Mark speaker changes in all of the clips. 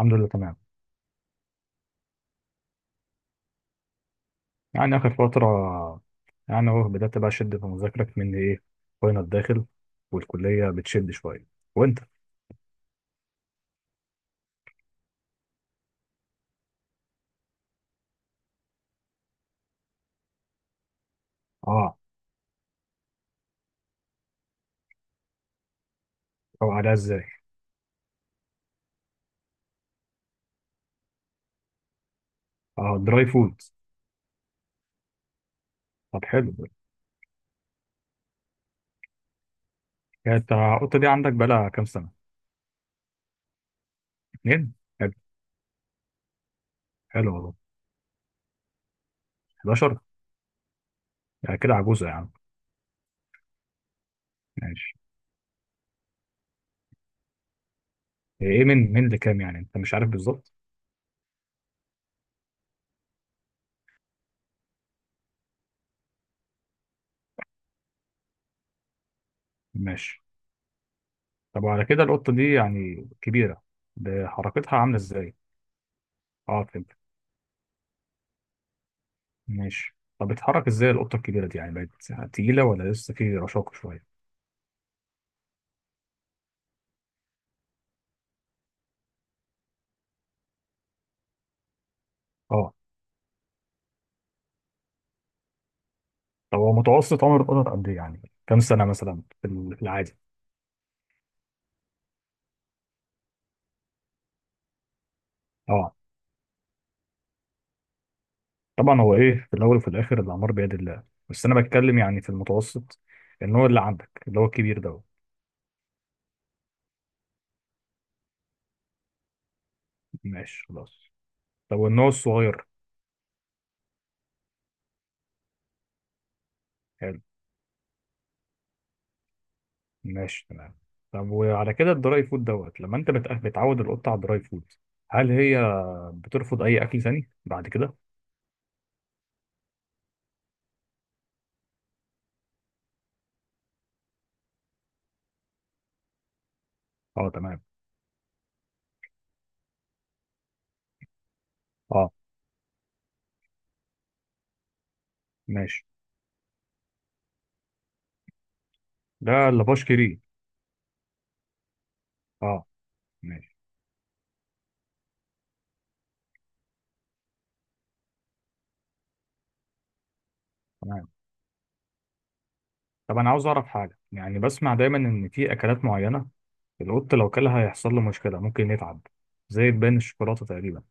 Speaker 1: الحمد لله تمام. يعني آخر فترة، يعني هو بدأت بقى أشد في مذاكرك من إيه، فاينل داخل والكلية بتشد شوية. وأنت؟ أه. أو عليها إزاي؟ أه، دراي فود. طب حلو. يعني أنت القطة دي عندك بقالها كام سنة؟ اتنين؟ حلو. حلو والله. 11. يعني كده عجوزة يا عم. ماشي. إيه، من لكام، يعني أنت مش عارف بالظبط؟ ماشي. طب وعلى كده القطة دي يعني كبيرة؟ ده حركتها عاملة إزاي؟ أه، فهمت. ماشي. طب بتتحرك ازاي القطه الكبيره دي؟ يعني بقت تقيله ولا لسه في رشاقه شويه؟ اه. طب هو متوسط عمر القطط قد ايه يعني؟ كام سنه مثلا في في العادي؟ اه، طبعا هو ايه في الاول وفي الاخر الاعمار بيد الله، بس انا بتكلم يعني في المتوسط. النوع اللي عندك اللي هو الكبير ده. ماشي خلاص. طب والنوع الصغير؟ حلو. ماشي تمام. طب وعلى كده الدراي فود دوت، لما انت بتعود القطه على الدراي فود، هل هي بترفض اي اكل ثاني بعد كده؟ اه، تمام. اه. ماشي. ده اللافاش كيري. اه. ماشي تمام. طب انا عاوز اعرف حاجه، يعني بسمع دايما ان في اكلات معينه القط لو كلها هيحصل له مشكله، ممكن يتعب، زي تبان الشوكولاته تقريبا.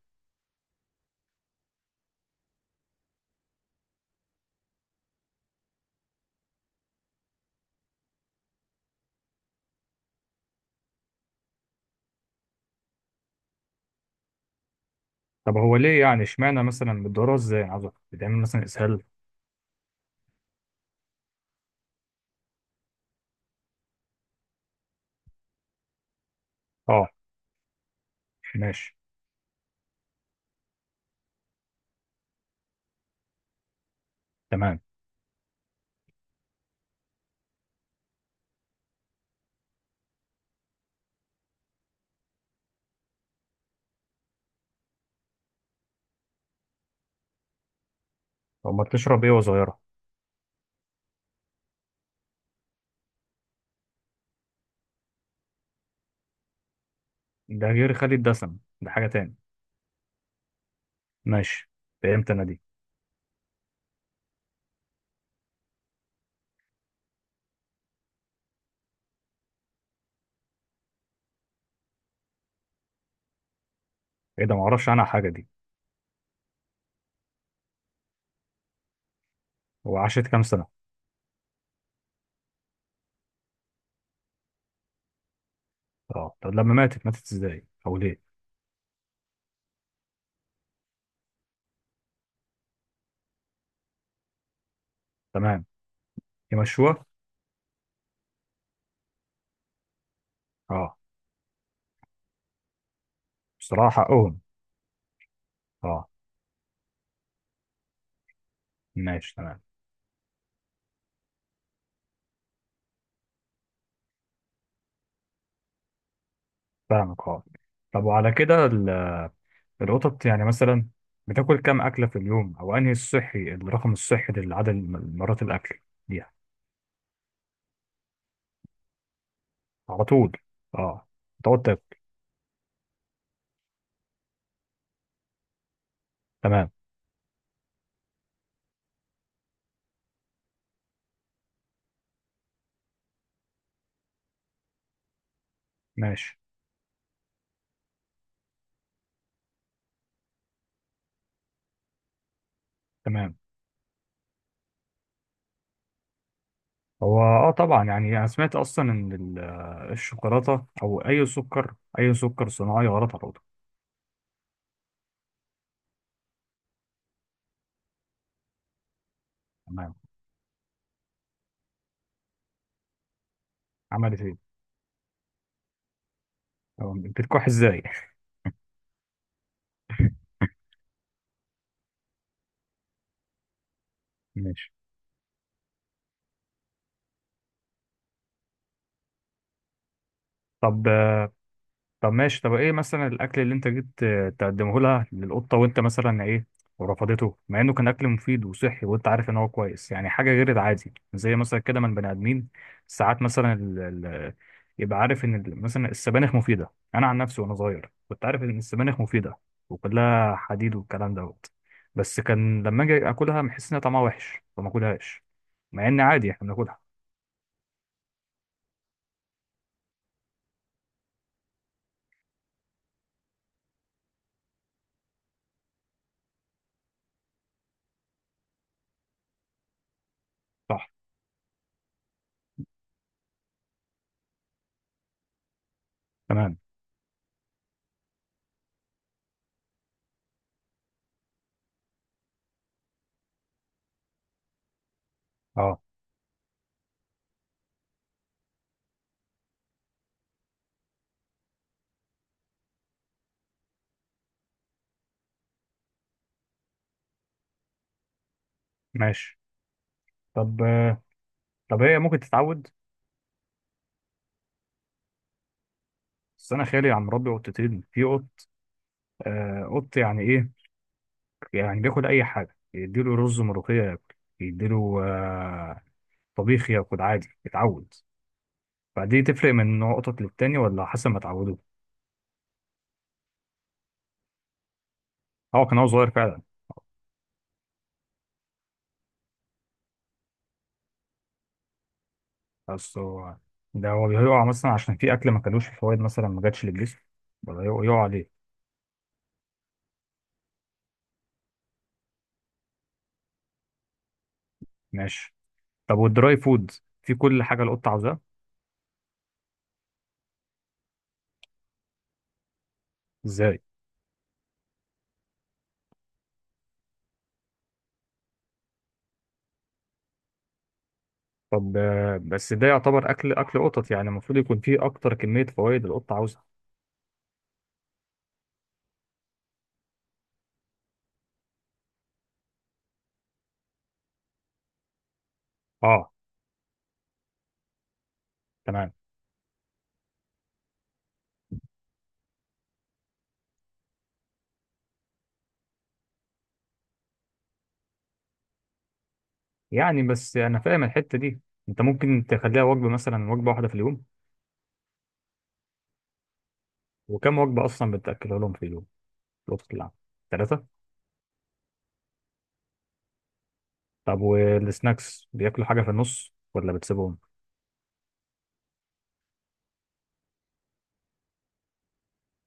Speaker 1: طب هو ليه؟ يعني اشمعنى مثلا بتدورها ازاي؟ أنا عاوز اعرف، بتعمل مثلا اسهال؟ اه. ماشي تمام. طب ما بتشرب ايه وهي صغيره؟ ده غير خالي الدسم؟ ده حاجه تاني. ماشي. فهمت انا دي. ايه ده؟ ما اعرفش عنها حاجه دي. هو عاشت كام سنه؟ اه. طب لما ماتت، ماتت ازاي او ليه؟ تمام. يمشوها. اه. بصراحه حقهم. اه، ماشي تمام. فاهمك، اه. طب وعلى كده القطط يعني مثلا بتاكل كام أكلة في اليوم؟ أو أنهي الصحي، الرقم الصحي للعدد مرات الأكل ليها؟ على طول؟ اه. تقعد تاكل. تمام. ماشي تمام. هو طبعا، يعني أنا سمعت أصلا إن الشوكولاتة أو أي سكر صناعي غلط على القطط. تمام. عملت إيه؟ طب بتكح إزاي؟ ماشي. طب طب ماشي. طب ايه مثلا الاكل اللي انت جيت تقدمه لها للقطه، وانت مثلا ايه ورفضته، مع انه كان اكل مفيد وصحي وانت عارف ان هو كويس، يعني حاجه غير العادي زي مثلا كده من بني ادمين. ساعات مثلا ال... يبقى عارف ان مثلا السبانخ مفيده. انا عن نفسي وانا صغير كنت عارف ان السبانخ مفيده وكلها حديد والكلام دوت. بس كان لما اجي اكلها بحس ان طعمها وحش فما اكلهاش، مع ان عادي احنا بناكلها. صح. تمام. اه، ماشي. طب آه، طب هي ممكن تتعود؟ بس انا خالي عم مربي قطتين في قط. آه، قط يعني ايه؟ يعني بياكل اي حاجه، يديله رز ملوخيه ياكل، يديله طبيخ ياكل عادي، يتعود. فدي تفرق من نوع قطط للتاني، ولا حسب ما اتعودوا؟ هو كان هو صغير فعلا. بس هو، ده هو بيقع مثلا عشان في اكل ما كلوش في فوائد، مثلا ما جاتش للجسم، ولا يقع عليه؟ ماشي. طب والدراي فود في كل حاجه القط عاوزاها؟ ازاي؟ طب بس ده يعتبر اكل قطط، يعني المفروض يكون فيه اكتر كميه فوائد القط عاوزها. اه، تمام. يعني بس انا فاهم الحته دي. انت ممكن تخليها وجبه، مثلا وجبه واحده في اليوم؟ وكم وجبه اصلا بتاكلها لهم في اليوم في الوقت العام؟ ثلاثه؟ طب والسناكس بياكلوا حاجه في النص ولا بتسيبهم؟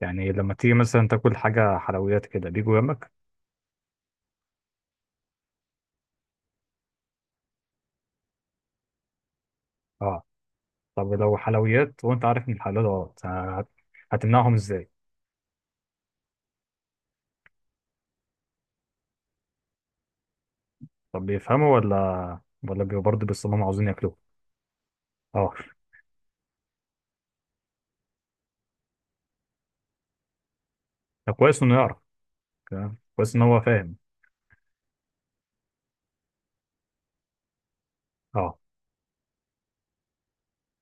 Speaker 1: يعني لما تيجي مثلا تاكل حاجه حلويات كده بيجوا جنبك؟ اه. طب لو حلويات وانت عارف ان الحلويات غلط، هتمنعهم ازاي؟ طب بيفهموا ولا بيبقوا برضه بيصمموا عاوزين ياكلوه؟ اه. ده كويس انه يعرف. تمام. كويس ان هو فاهم. اه.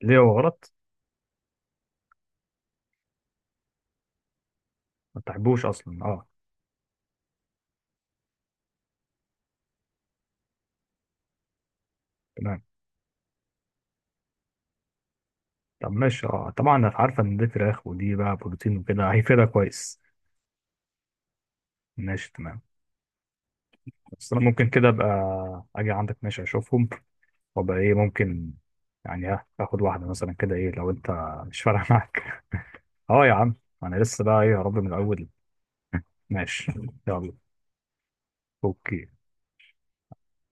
Speaker 1: ليه، هو غلط؟ ما تحبوش اصلا، اه. تمام. طب ماشي. اه، طبعا انا عارفه ان دي فراخ، ودي بقى بروتين وكده هيفيدها كويس. ماشي تمام. بس انا ممكن كده ابقى اجي عندك، ماشي اشوفهم. وابقى ايه ممكن يعني، ها اخد واحده مثلا كده، ايه لو انت مش فارقه معاك؟ اه يا عم. انا لسه بقى ايه، يا رب، من الاول. ماشي. يلا. اوكي.